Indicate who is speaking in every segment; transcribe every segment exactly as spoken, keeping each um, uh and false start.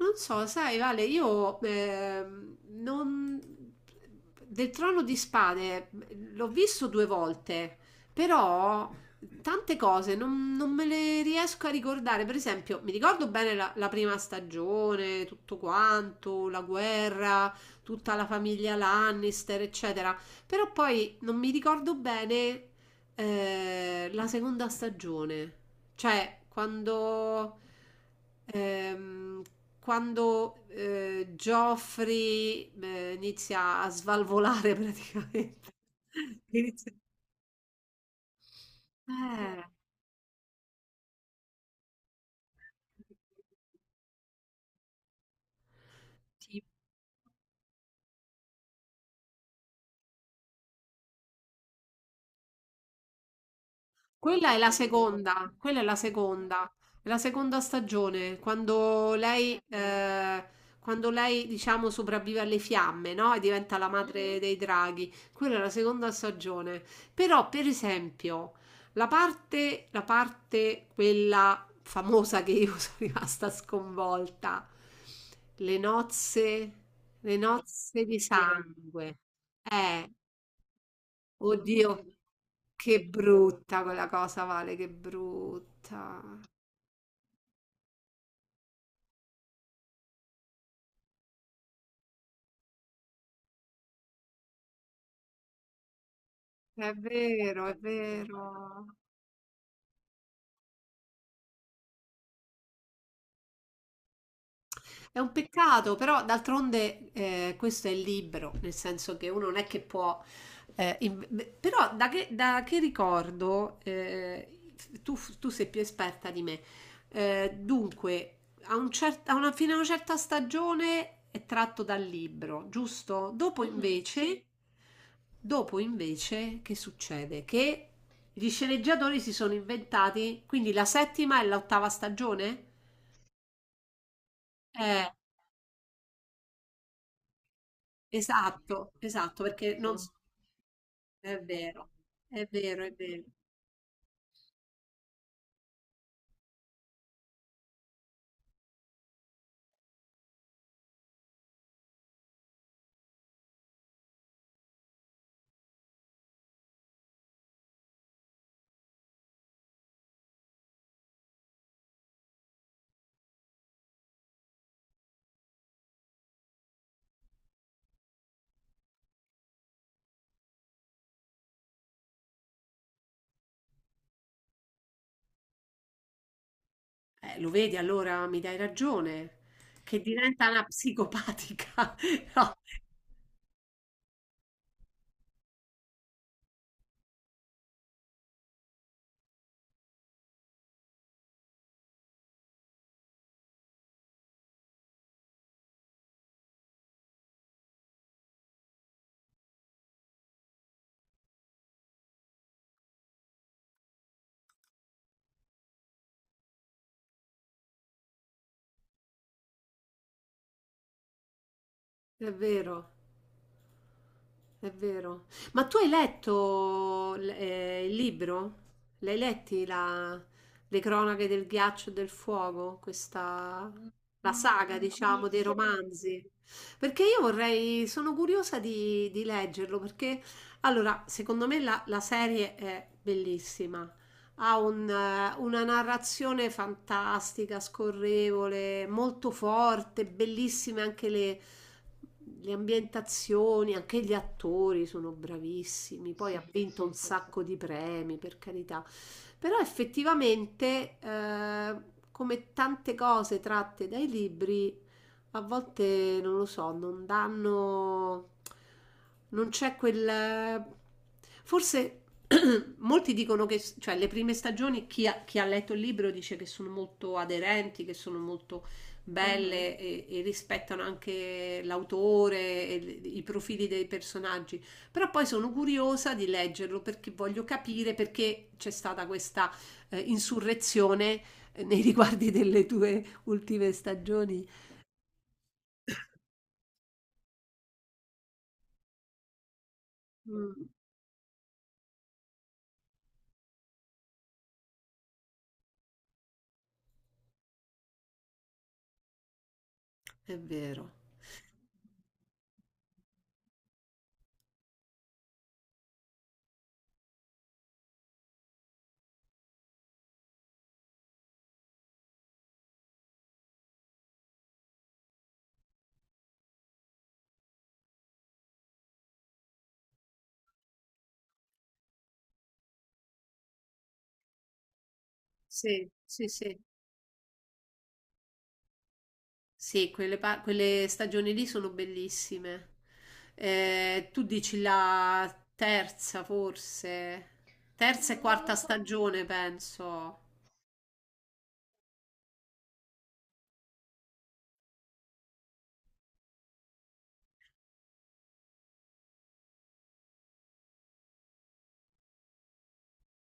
Speaker 1: Non so, sai, Vale, io ehm, non... del Trono di Spade l'ho visto due volte, però tante cose non, non me le riesco a ricordare. Per esempio, mi ricordo bene la, la prima stagione, tutto quanto, la guerra, tutta la famiglia Lannister, eccetera, però poi non mi ricordo bene eh, la seconda stagione. Cioè, quando, ehm, quando eh, Joffrey eh, inizia a svalvolare praticamente. Inizia- Eh. Sì. Quella è la seconda, quella è la seconda, è la seconda stagione, quando lei, eh, quando lei, diciamo, sopravvive alle fiamme, no? E diventa la madre dei draghi. Quella è la seconda stagione. Però, per esempio, la parte, la parte, quella famosa che io sono rimasta sconvolta, le nozze, le nozze di sangue. Eh, Oddio, che brutta quella cosa, Vale, che brutta. È vero, è vero. È un peccato, però d'altronde eh, questo è il libro, nel senso che uno non è che può. Eh, in- beh, però da che, da che ricordo, eh, tu, tu sei più esperta di me, eh, dunque, a un cer- a una- fino a una certa stagione è tratto dal libro, giusto? Dopo Mhm. invece, dopo invece, che succede? Che gli sceneggiatori si sono inventati, quindi la settima e l'ottava stagione? Esatto, esatto, perché non... s- È vero, è vero, è vero. Eh, lo vedi allora, mi dai ragione, che diventa una psicopatica. No, è vero. È vero. Ma tu hai letto l- eh, il libro? L'hai letti la- le cronache del ghiaccio e del fuoco? Questa, la saga, diciamo, dei romanzi. Perché io vorrei, sono curiosa di, di leggerlo, perché allora, secondo me la, la serie è bellissima, ha un, eh, una narrazione fantastica, scorrevole, molto forte, bellissime anche le, le ambientazioni, anche gli attori sono bravissimi. Poi ha vinto un sacco di premi, per carità. Però effettivamente, eh, come tante cose tratte dai libri, a volte non lo so, non danno, non c'è quel. Forse molti dicono che, cioè, le prime stagioni, chi ha, chi ha letto il libro dice che sono molto aderenti, che sono molto belle mm. e, e rispettano anche l'autore e l- i profili dei personaggi. Però poi sono curiosa di leggerlo perché voglio capire perché c'è stata questa eh, insurrezione eh, nei riguardi delle tue ultime stagioni. Mm. È vero. Sì, sì, sì. Sì, quelle, pa- quelle stagioni lì sono bellissime. Eh, tu dici la terza, forse? Terza e quarta stagione, penso.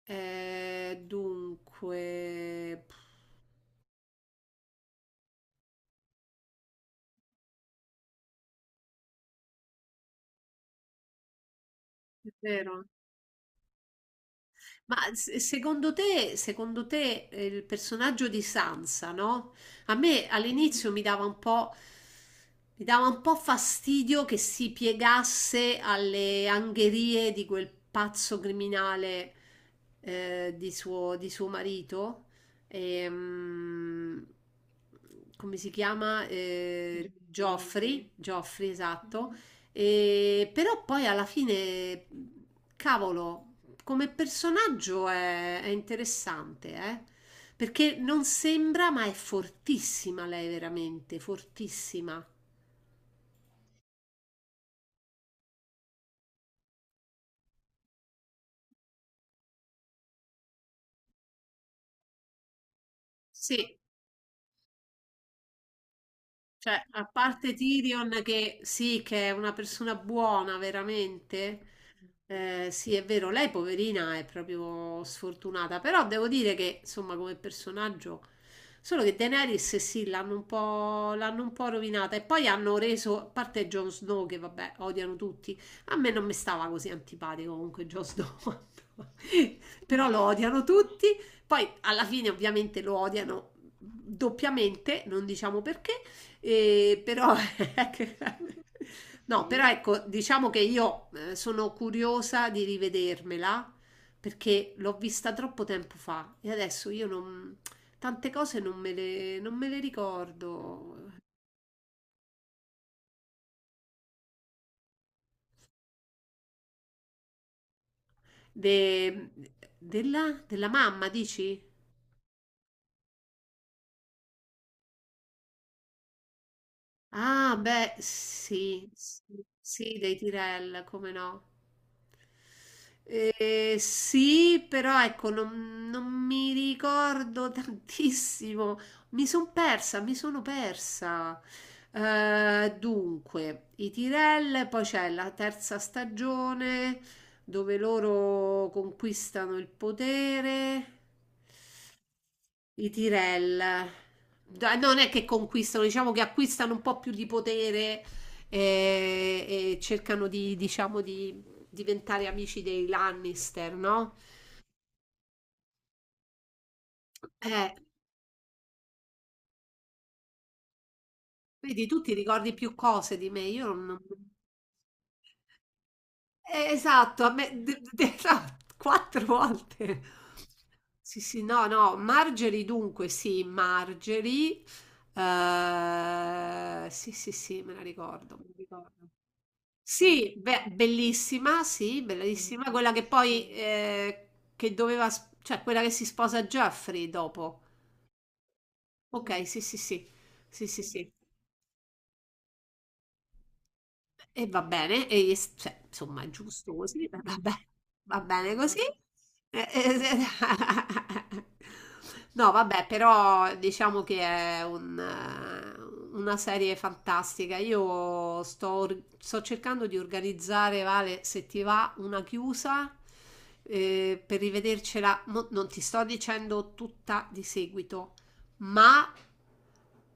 Speaker 1: Eh, dunque, È vero. Ma s- secondo te, secondo te eh, il personaggio di Sansa, no? A me all'inizio mi dava un po', mi dava un po' fastidio che si piegasse alle angherie di quel pazzo criminale, eh, di suo, di suo marito. Ehm, come si chiama? Eh, Geoffrey, Geoffrey, esatto. E- però poi alla fine, cavolo, come personaggio è, è interessante, eh? Perché non sembra, ma è fortissima lei veramente, fortissima. Sì, cioè, a parte Tyrion che sì, che è una persona buona veramente, eh, sì, è vero, lei poverina è proprio sfortunata, però devo dire che, insomma, come personaggio, solo che Daenerys eh sì, l'hanno un po', l'hanno un po' rovinata e poi hanno reso, a parte Jon Snow che vabbè, odiano tutti, a me non mi stava così antipatico comunque Jon Snow, però lo odiano tutti, poi alla fine ovviamente lo odiano doppiamente, non diciamo perché. E però, no, però ecco, diciamo che io eh, sono curiosa di rivedermela perché l'ho vista troppo tempo fa e adesso io non, tante cose non me le, non me le ricordo. De- della, della mamma, dici? Ah, beh, sì, sì, sì, dei Tirel, come no? Eh, sì, però ecco, non, non mi ricordo tantissimo. Mi sono persa, mi sono persa. Eh, dunque, i Tyrell, poi c'è la terza stagione dove loro conquistano il potere. I Tyrell da- non è che conquistano, diciamo che acquistano un po' più di potere, eh, e cercano di, diciamo, di diventare amici dei Lannister, no? Eh, vedi, tu ti ricordi più cose di me, io non. Eh, esatto, a me, de- de- no, quattro volte. Sì, sì, no, no, Margery dunque, sì, Margery. eh, sì, sì, sì, me la ricordo, me la ricordo. Sì, beh, bellissima, sì, bellissima, quella che poi, eh, che doveva, sp- cioè quella che si sposa Jeffrey dopo. Ok, sì, sì, sì, sì, sì, sì. E va bene, e, s- cioè, insomma, è giusto così, va va bene, va bene così. Eh, eh, se- No, vabbè, però diciamo che è un, eh, una serie fantastica. Io sto, or- sto cercando di organizzare, Vale, se ti va, una chiusa, eh, per rivedercela. Mo- non ti sto dicendo tutta di seguito, ma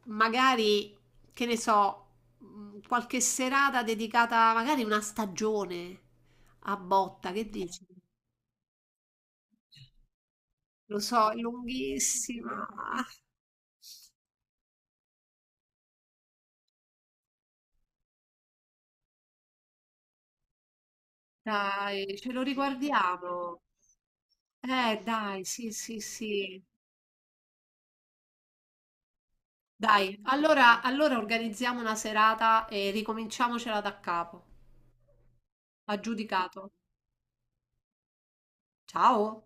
Speaker 1: magari che ne so, mh, qualche serata dedicata magari una stagione a botta, che dici? Lo so, è lunghissima. Dai, ce lo riguardiamo. Eh, dai, sì, sì, sì. Dai, allora, allora organizziamo una serata e ricominciamocela da capo. Aggiudicato. Ciao.